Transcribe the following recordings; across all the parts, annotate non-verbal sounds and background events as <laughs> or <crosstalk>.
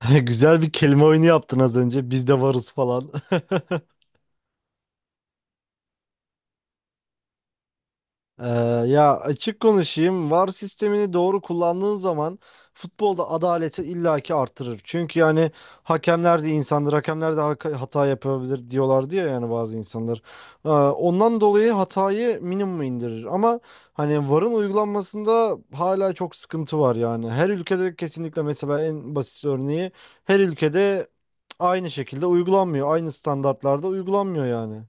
<laughs> Güzel bir kelime oyunu yaptın az önce. Biz de varız falan. <laughs> Ee, ya açık konuşayım. VAR sistemini doğru kullandığın zaman futbolda adaleti illaki artırır. Çünkü yani hakemler de insandır. Hakemler de hata yapabilir diyorlar diye yani bazı insanlar. Ondan dolayı hatayı minimuma indirir. Ama hani VAR'ın uygulanmasında hala çok sıkıntı var yani. Her ülkede kesinlikle, mesela en basit örneği, her ülkede aynı şekilde uygulanmıyor. Aynı standartlarda uygulanmıyor yani.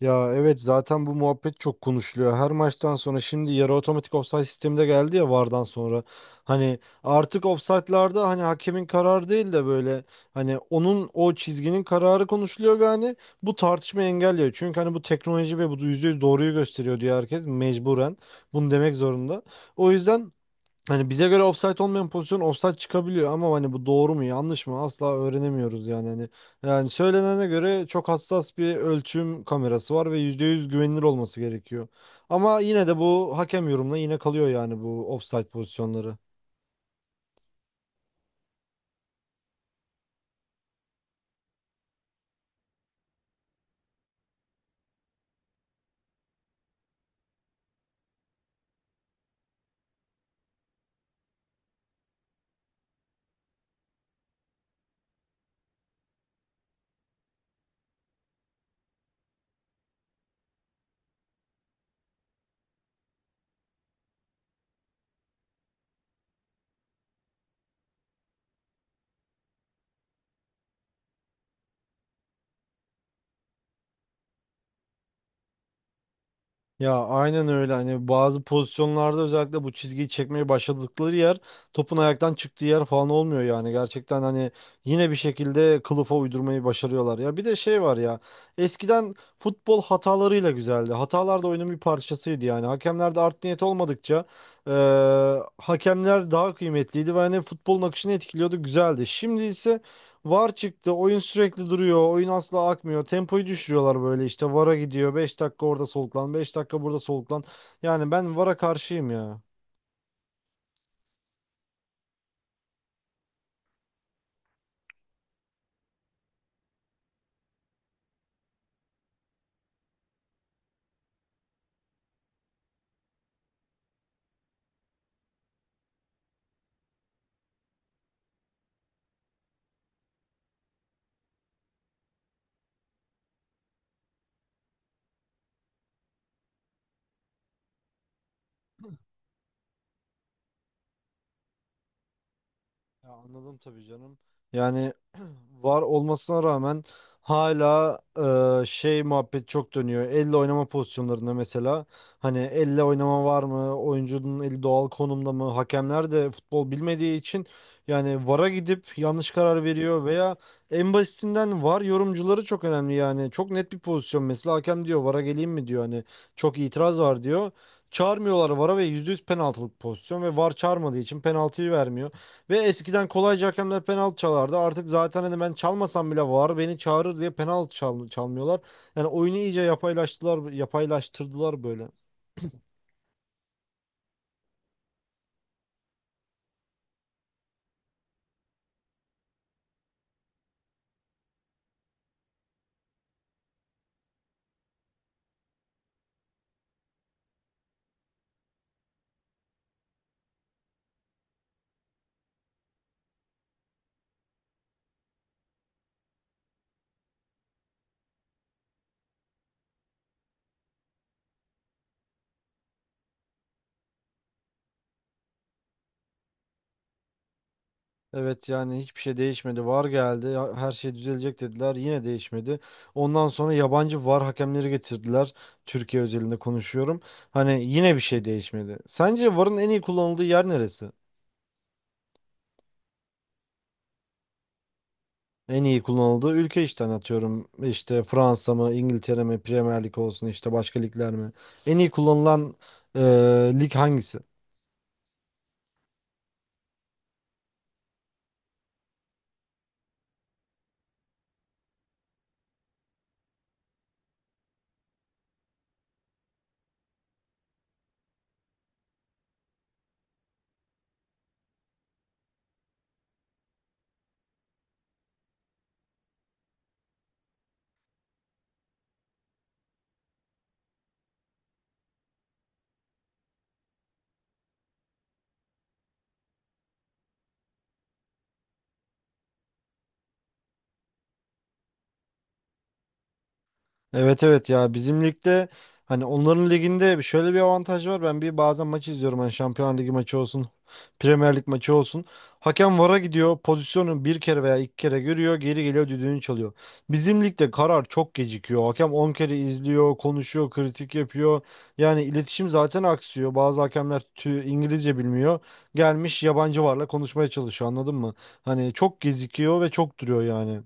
Ya evet, zaten bu muhabbet çok konuşuluyor. Her maçtan sonra şimdi yarı otomatik ofsayt sistemi de geldi ya VAR'dan sonra. Hani artık ofsaytlarda hani hakemin kararı değil de böyle, hani onun o çizginin kararı konuşuluyor ve hani bu tartışma engelliyor. Çünkü hani bu teknoloji ve bu %100 doğruyu gösteriyor diyor herkes mecburen. Bunu demek zorunda. O yüzden hani bize göre ofsayt olmayan pozisyon ofsayt çıkabiliyor ama hani bu doğru mu yanlış mı asla öğrenemiyoruz yani hani. Yani söylenene göre çok hassas bir ölçüm kamerası var ve %100 güvenilir olması gerekiyor. Ama yine de bu hakem yorumuna yine kalıyor yani, bu ofsayt pozisyonları. Ya aynen öyle, hani bazı pozisyonlarda özellikle bu çizgiyi çekmeye başladıkları yer, topun ayaktan çıktığı yer falan olmuyor yani, gerçekten hani yine bir şekilde kılıfa uydurmayı başarıyorlar. Ya bir de şey var ya, eskiden futbol hatalarıyla güzeldi, hatalar da oyunun bir parçasıydı yani, hakemlerde art niyet olmadıkça hakemler daha kıymetliydi ve hani futbolun akışını etkiliyordu, güzeldi. Şimdi ise VAR çıktı. Oyun sürekli duruyor. Oyun asla akmıyor. Tempoyu düşürüyorlar böyle işte. VAR'a gidiyor. Beş dakika orada soluklan, 5 dakika burada soluklan. Yani ben VAR'a karşıyım ya. Ya anladım tabii canım. Yani <clears throat> var olmasına rağmen hala şey muhabbet çok dönüyor. Elle oynama pozisyonlarında mesela, hani elle oynama var mı? Oyuncunun eli doğal konumda mı? Hakemler de futbol bilmediği için yani VAR'a gidip yanlış karar veriyor veya en basitinden VAR yorumcuları çok önemli yani. Çok net bir pozisyon mesela, hakem diyor VAR'a geleyim mi diyor, hani çok itiraz var diyor. Çağırmıyorlar VAR'a ve %100 penaltılık pozisyon ve VAR çağırmadığı için penaltıyı vermiyor. Ve eskiden kolayca hakemler penaltı çalardı. Artık zaten hani ben çalmasam bile var beni çağırır diye penaltı çalmıyorlar. Yani oyunu iyice yapaylaştılar, yapaylaştırdılar böyle. Evet yani hiçbir şey değişmedi. VAR geldi. Her şey düzelecek dediler. Yine değişmedi. Ondan sonra yabancı VAR hakemleri getirdiler. Türkiye özelinde konuşuyorum. Hani yine bir şey değişmedi. Sence VAR'ın en iyi kullanıldığı yer neresi? En iyi kullanıldığı ülke işte, hani atıyorum İşte Fransa mı, İngiltere mi, Premier Lig olsun işte, başka ligler mi? En iyi kullanılan e, lig hangisi? Evet evet ya, bizim ligde hani, onların liginde şöyle bir avantaj var. Ben bir bazen maç izliyorum, hani Şampiyonlar Ligi maçı olsun, Premier Lig maçı olsun. Hakem VAR'a gidiyor, pozisyonu bir kere veya iki kere görüyor, geri geliyor, düdüğünü çalıyor. Bizim ligde karar çok gecikiyor. Hakem 10 kere izliyor, konuşuyor, kritik yapıyor. Yani iletişim zaten aksıyor. Bazı hakemler İngilizce bilmiyor. Gelmiş yabancı VAR'la konuşmaya çalışıyor, anladın mı? Hani çok gecikiyor ve çok duruyor yani.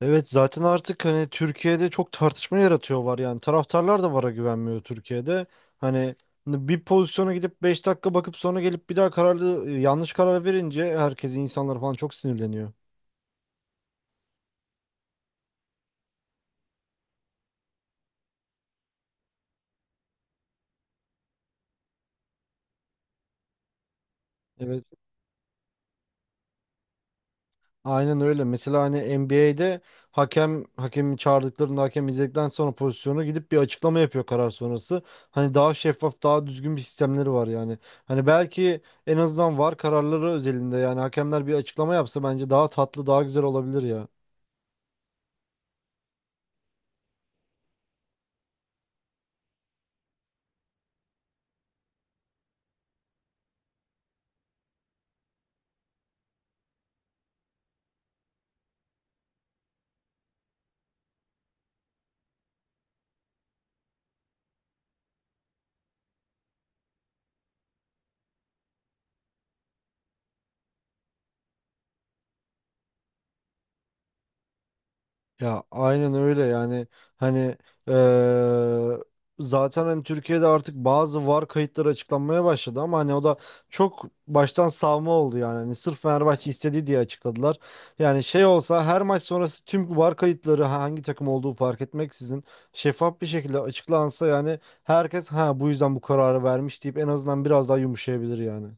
Evet, zaten artık hani Türkiye'de çok tartışma yaratıyor var yani, taraftarlar da VAR'a güvenmiyor Türkiye'de. Hani bir pozisyona gidip 5 dakika bakıp sonra gelip bir daha kararlı yanlış karar verince herkes, insanlar falan çok sinirleniyor. Evet, aynen öyle. Mesela hani NBA'de hakem hakemi çağırdıklarında hakem izledikten sonra pozisyonu gidip bir açıklama yapıyor karar sonrası. Hani daha şeffaf, daha düzgün bir sistemleri var yani. Hani belki en azından VAR kararları özelinde yani hakemler bir açıklama yapsa bence daha tatlı, daha güzel olabilir ya. Ya aynen öyle yani hani eee, zaten hani Türkiye'de artık bazı VAR kayıtları açıklanmaya başladı ama hani o da çok baştan savma oldu yani, hani sırf Fenerbahçe istediği diye açıkladılar. Yani şey olsa, her maç sonrası tüm VAR kayıtları hangi takım olduğu fark etmeksizin şeffaf bir şekilde açıklansa yani, herkes ha bu yüzden bu kararı vermiş deyip en azından biraz daha yumuşayabilir yani.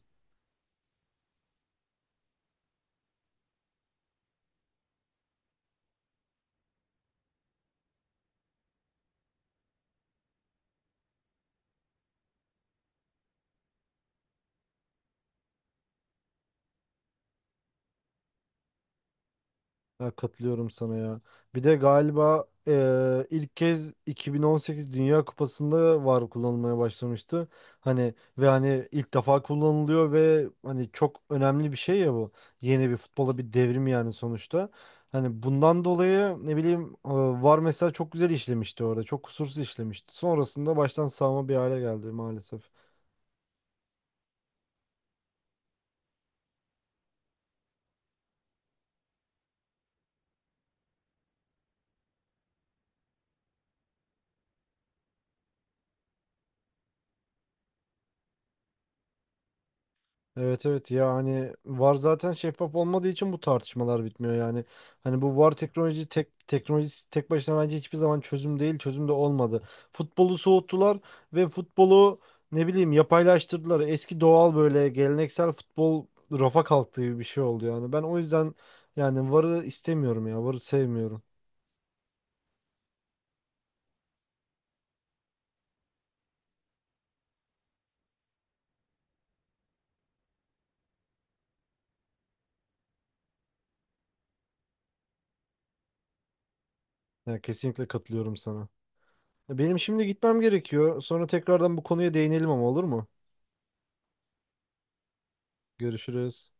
Ya katılıyorum sana ya. Bir de galiba ilk kez 2018 Dünya Kupası'nda VAR kullanılmaya başlamıştı. Hani ve hani ilk defa kullanılıyor ve hani çok önemli bir şey ya bu. Yeni bir futbola bir devrim yani sonuçta. Hani bundan dolayı ne bileyim, VAR mesela çok güzel işlemişti orada. Çok kusursuz işlemişti. Sonrasında baştan sağma bir hale geldi maalesef. Evet evet, ya hani VAR zaten şeffaf olmadığı için bu tartışmalar bitmiyor yani. Hani bu VAR teknoloji teknolojisi tek başına bence hiçbir zaman çözüm değil, çözüm de olmadı. Futbolu soğuttular ve futbolu ne bileyim yapaylaştırdılar. Eski doğal, böyle geleneksel futbol rafa kalktı gibi bir şey oldu yani. Ben o yüzden yani VAR'ı istemiyorum ya. VAR'ı sevmiyorum. Yani kesinlikle katılıyorum sana. Benim şimdi gitmem gerekiyor. Sonra tekrardan bu konuya değinelim ama, olur mu? Görüşürüz.